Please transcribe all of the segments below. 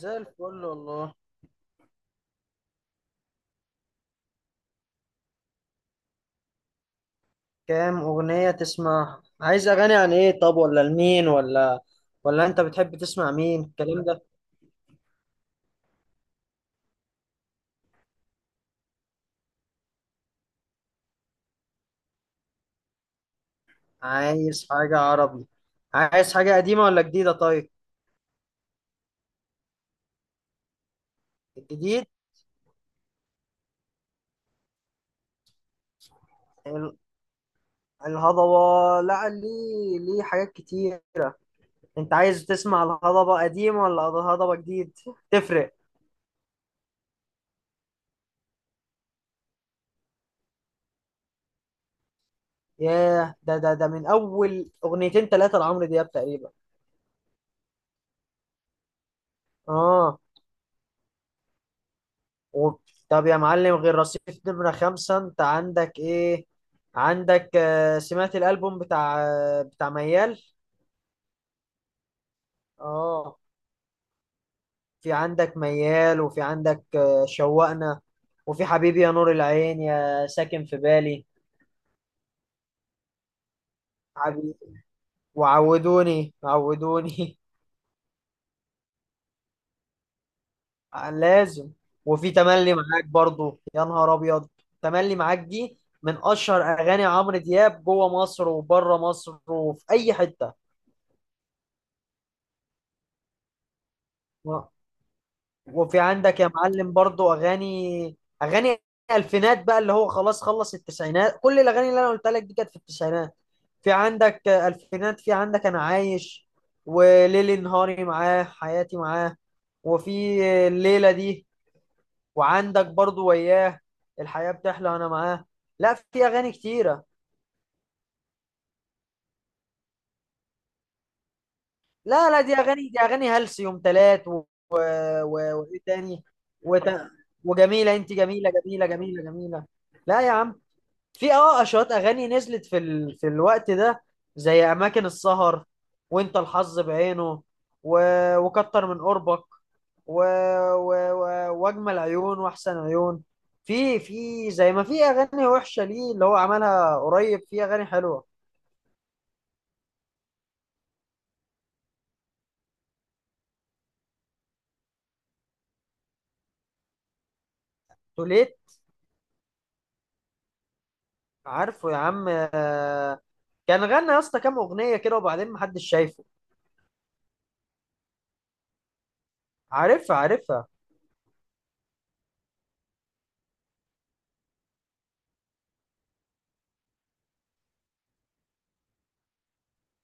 زي الفل والله. كام أغنية تسمعها؟ عايز أغاني عن إيه؟ طب ولا لمين، ولا أنت بتحب تسمع مين؟ الكلام ده. عايز حاجة عربي؟ عايز حاجة قديمة ولا جديدة؟ طيب. الجديد. ال- الهضبة لا، ليه؟ ليه حاجات كتيرة. أنت عايز تسمع الهضبة قديم ولا الهضبة جديد؟ تفرق. ياه، ده من أول أغنيتين تلاتة لعمرو دياب تقريبا. آه. و... طب يا معلم، غير رصيف نمرة خمسة انت عندك ايه؟ عندك سمعت الألبوم بتاع ميال؟ اه. في عندك ميال، وفي عندك شوقنا، وفي حبيبي يا نور العين، يا ساكن في بالي. حبيبي، وعودوني عودوني. لازم. وفي تملي معاك برضو، يا نهار ابيض. تملي معاك دي من اشهر اغاني عمرو دياب جوه مصر وبره مصر وفي اي حته. وفي عندك يا معلم برضو اغاني الفينات، بقى اللي هو خلاص، خلص التسعينات. كل الاغاني اللي انا قلت لك دي كانت في التسعينات. في عندك الفينات، في عندك انا عايش، وليلي نهاري معاه، حياتي معاه، وفي الليله دي، وعندك برضو وياه، الحياه بتحلى انا معاه. لا، في اغاني كتيره. لا لا، دي اغاني، دي اغاني هلس يوم تلات وايه تاني؟ وت... وجميله انت جميله جميله جميله جميله. لا يا عم، في اشواط اغاني نزلت في الوقت ده، زي اماكن السهر، وانت الحظ بعينه، و... وكتر من قربك، و... و... و... واجمل عيون، واحسن عيون. في زي ما في اغاني وحشه ليه، اللي هو عملها قريب في اغاني حلوه. توليت؟ عارفه يا عم. كان غنى يا اسطى كام اغنيه كده وبعدين محدش شايفه. عارفها عارفها.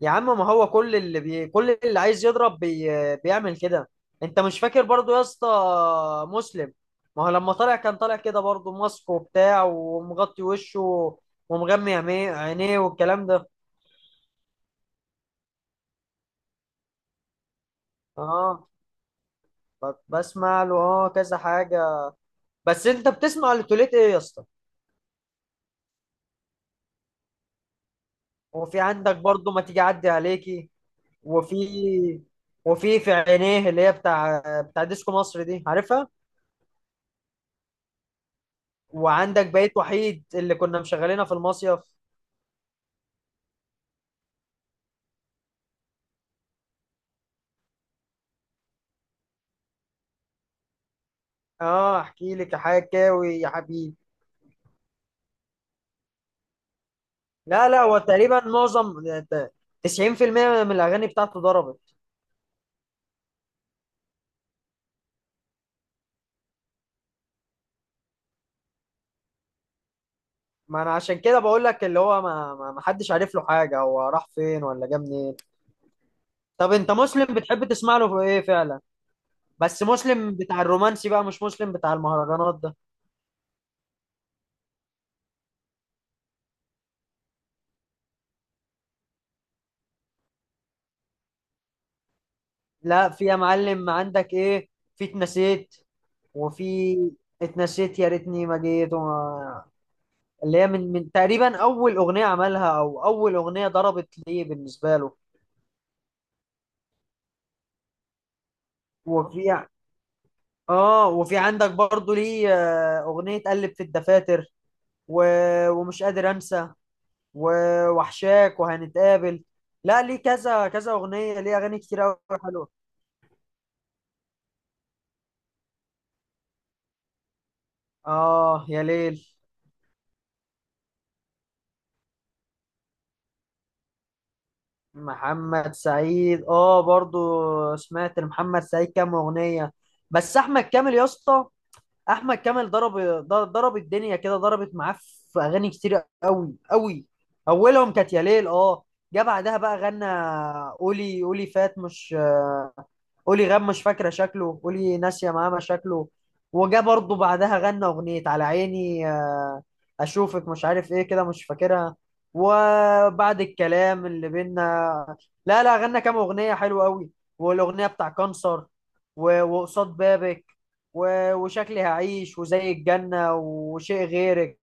يا عم ما هو كل اللي عايز يضرب بيعمل كده. انت مش فاكر برضو يا اسطى مسلم؟ ما هو لما طلع كان طالع كده برضو، ماسك وبتاع ومغطي وشه ومغمي عينيه والكلام ده. اه. بسمع له كذا حاجة. بس انت بتسمع لتوليت ايه يا اسطى؟ وفي عندك برضو ما تيجي اعدي عليكي، وفي وفي في عينيه اللي هي بتاع ديسكو مصر دي، عارفها. وعندك بقيت وحيد اللي كنا مشغلينها في المصيف. اه، احكي لك يا حكاوي يا حبيبي. لا لا، هو تقريبا معظم 90% من الاغاني بتاعته ضربت. ما انا عشان كده بقول لك اللي هو ما حدش عارف له حاجه، هو راح فين ولا جه منين. طب انت مسلم بتحب تسمع له في ايه فعلا؟ بس مسلم بتاع الرومانسي بقى، مش مسلم بتاع المهرجانات ده. لا، في يا معلم عندك ايه، في اتنسيت، وفي اتنسيت يا ريتني ما جيت اللي هي من تقريبا اول اغنيه عملها او اول اغنيه ضربت ليه بالنسبه له. وفي ع- اه وفي عندك برضو ليه اغنية قلب في الدفاتر، و... ومش قادر انسى، و... وحشاك وهنتقابل. لا ليه كذا كذا اغنية ليه، اغاني كتير قوي، حلوة. اه يا ليل. محمد سعيد برضو. سمعت لمحمد سعيد كام اغنية. بس احمد كامل يا اسطى، احمد كامل ضرب، ضرب الدنيا كده، ضربت معاه، في اغاني كتير قوي قوي. اولهم كانت يا ليل، اه. جه بعدها بقى غنى قولي، قولي فات، مش قولي غاب، مش فاكرة شكله، قولي ناسية ماما شكله. وجا برضه بعدها غنى أغنية على عيني أشوفك مش عارف إيه كده مش فاكرها. وبعد الكلام اللي بينا. لا لا غنى كام أغنية حلوة أوي. والأغنية بتاع كانسر، و- وقصاد بابك، و- وشكلي هعيش، وزي الجنة، وشيء غيرك.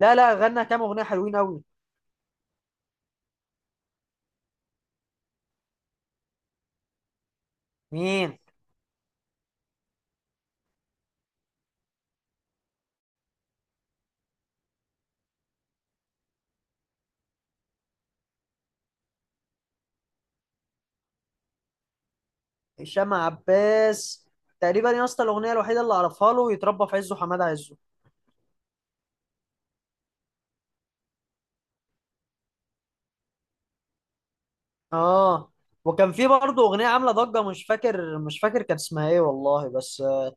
لا لا غنى كام أغنية حلوين أوي. مين؟ هشام عباس؟ تقريبا يا اسطى الأغنية الوحيدة اللي أعرفها له يتربى في عزه حماد عزه. اه، وكان في برضه اغنيه عامله ضجه مش فاكر مش فاكر كانت اسمها ايه والله بس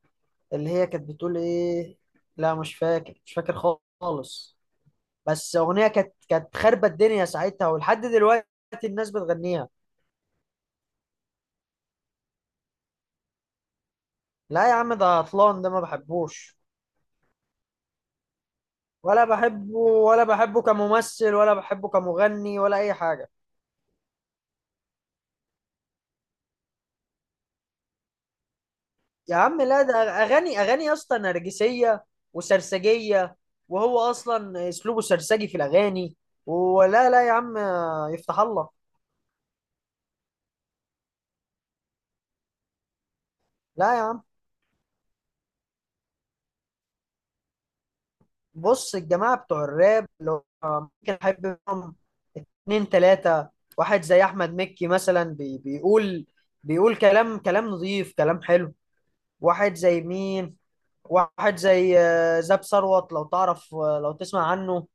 اللي هي كانت بتقول ايه، لا مش فاكر مش فاكر خالص. بس اغنيه كانت خربت الدنيا ساعتها ولحد دلوقتي الناس بتغنيها. لا يا عم، ده عطلان، ده ما بحبوش. ولا بحبه، ولا بحبه كممثل، ولا بحبه كمغني، ولا اي حاجه. يا عم لا، ده اغاني يا اسطى نرجسيه وسرسجيه، وهو اصلا اسلوبه سرسجي في الاغاني. ولا لا يا عم، يفتح الله. لا يا عم، بص، الجماعه بتوع الراب لو كان حابب منهم اتنين تلاته، واحد زي احمد مكي مثلا بيقول، بيقول كلام كلام نظيف كلام حلو. واحد زي مين؟ واحد زي زاب ثروت، لو تعرف، لو تسمع عنه.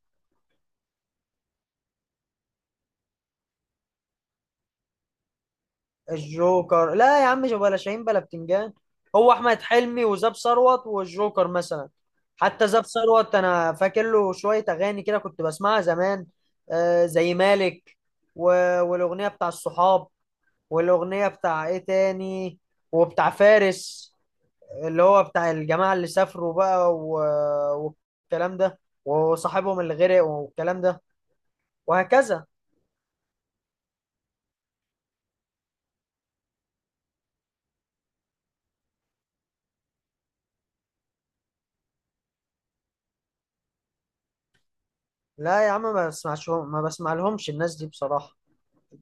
الجوكر؟ لا يا عم، بلا شاهين بلا بتنجان. هو احمد حلمي وزاب ثروت والجوكر مثلا. حتى زاب ثروت انا فاكر له شويه اغاني كده كنت بسمعها زمان، زي مالك، و... والاغنيه بتاع الصحاب، والاغنيه بتاع ايه تاني، وبتاع فارس اللي هو بتاع الجماعه اللي سافروا بقى والكلام ده، وصاحبهم اللي غرق والكلام ده، وهكذا. لا يا عم ما بسمعش، ما بسمع لهمش الناس دي بصراحه.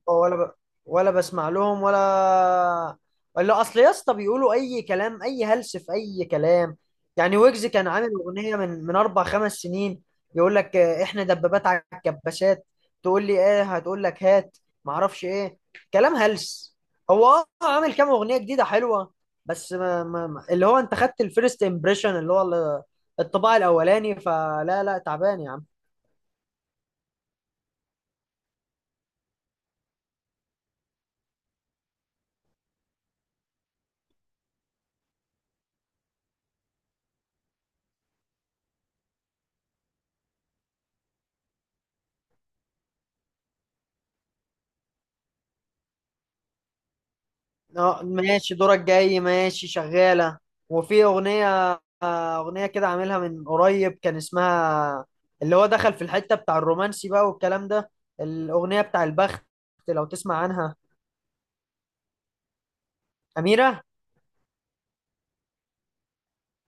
ولا ب... ولا بسمع لهم، ولا اصل يا اسطى بيقولوا اي كلام، اي هلس في اي كلام. يعني ويجز كان عامل اغنيه من اربع خمس سنين. يقول لك احنا دبابات على الكباسات، تقول لي ايه، هتقول لك هات ما اعرفش ايه، كلام هلس. هو عامل كام اغنيه جديده حلوه. بس اللي هو انت خدت الفيرست امبريشن اللي هو الطباع الاولاني، فلا لا تعبان يا عم. اه ماشي، دورك جاي ماشي شغالة. وفي أغنية كده عاملها من قريب كان اسمها، اللي هو دخل في الحتة بتاع الرومانسي بقى والكلام ده، الأغنية بتاع البخت، لو تسمع عنها. أميرة.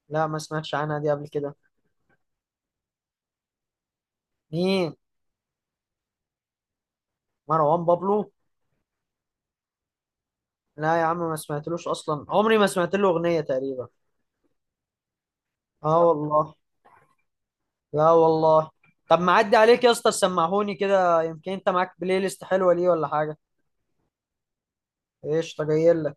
لا ما سمعتش عنها دي قبل كده. مين؟ مروان بابلو؟ لا يا عم ما سمعتلوش أصلا، عمري ما سمعت له أغنية تقريبا. اه والله. لا والله. طب معدي عليك يا اسطى سمعهوني كده، يمكن انت معاك بلاي ليست حلوة ليه ولا حاجة. ايش تجيلك.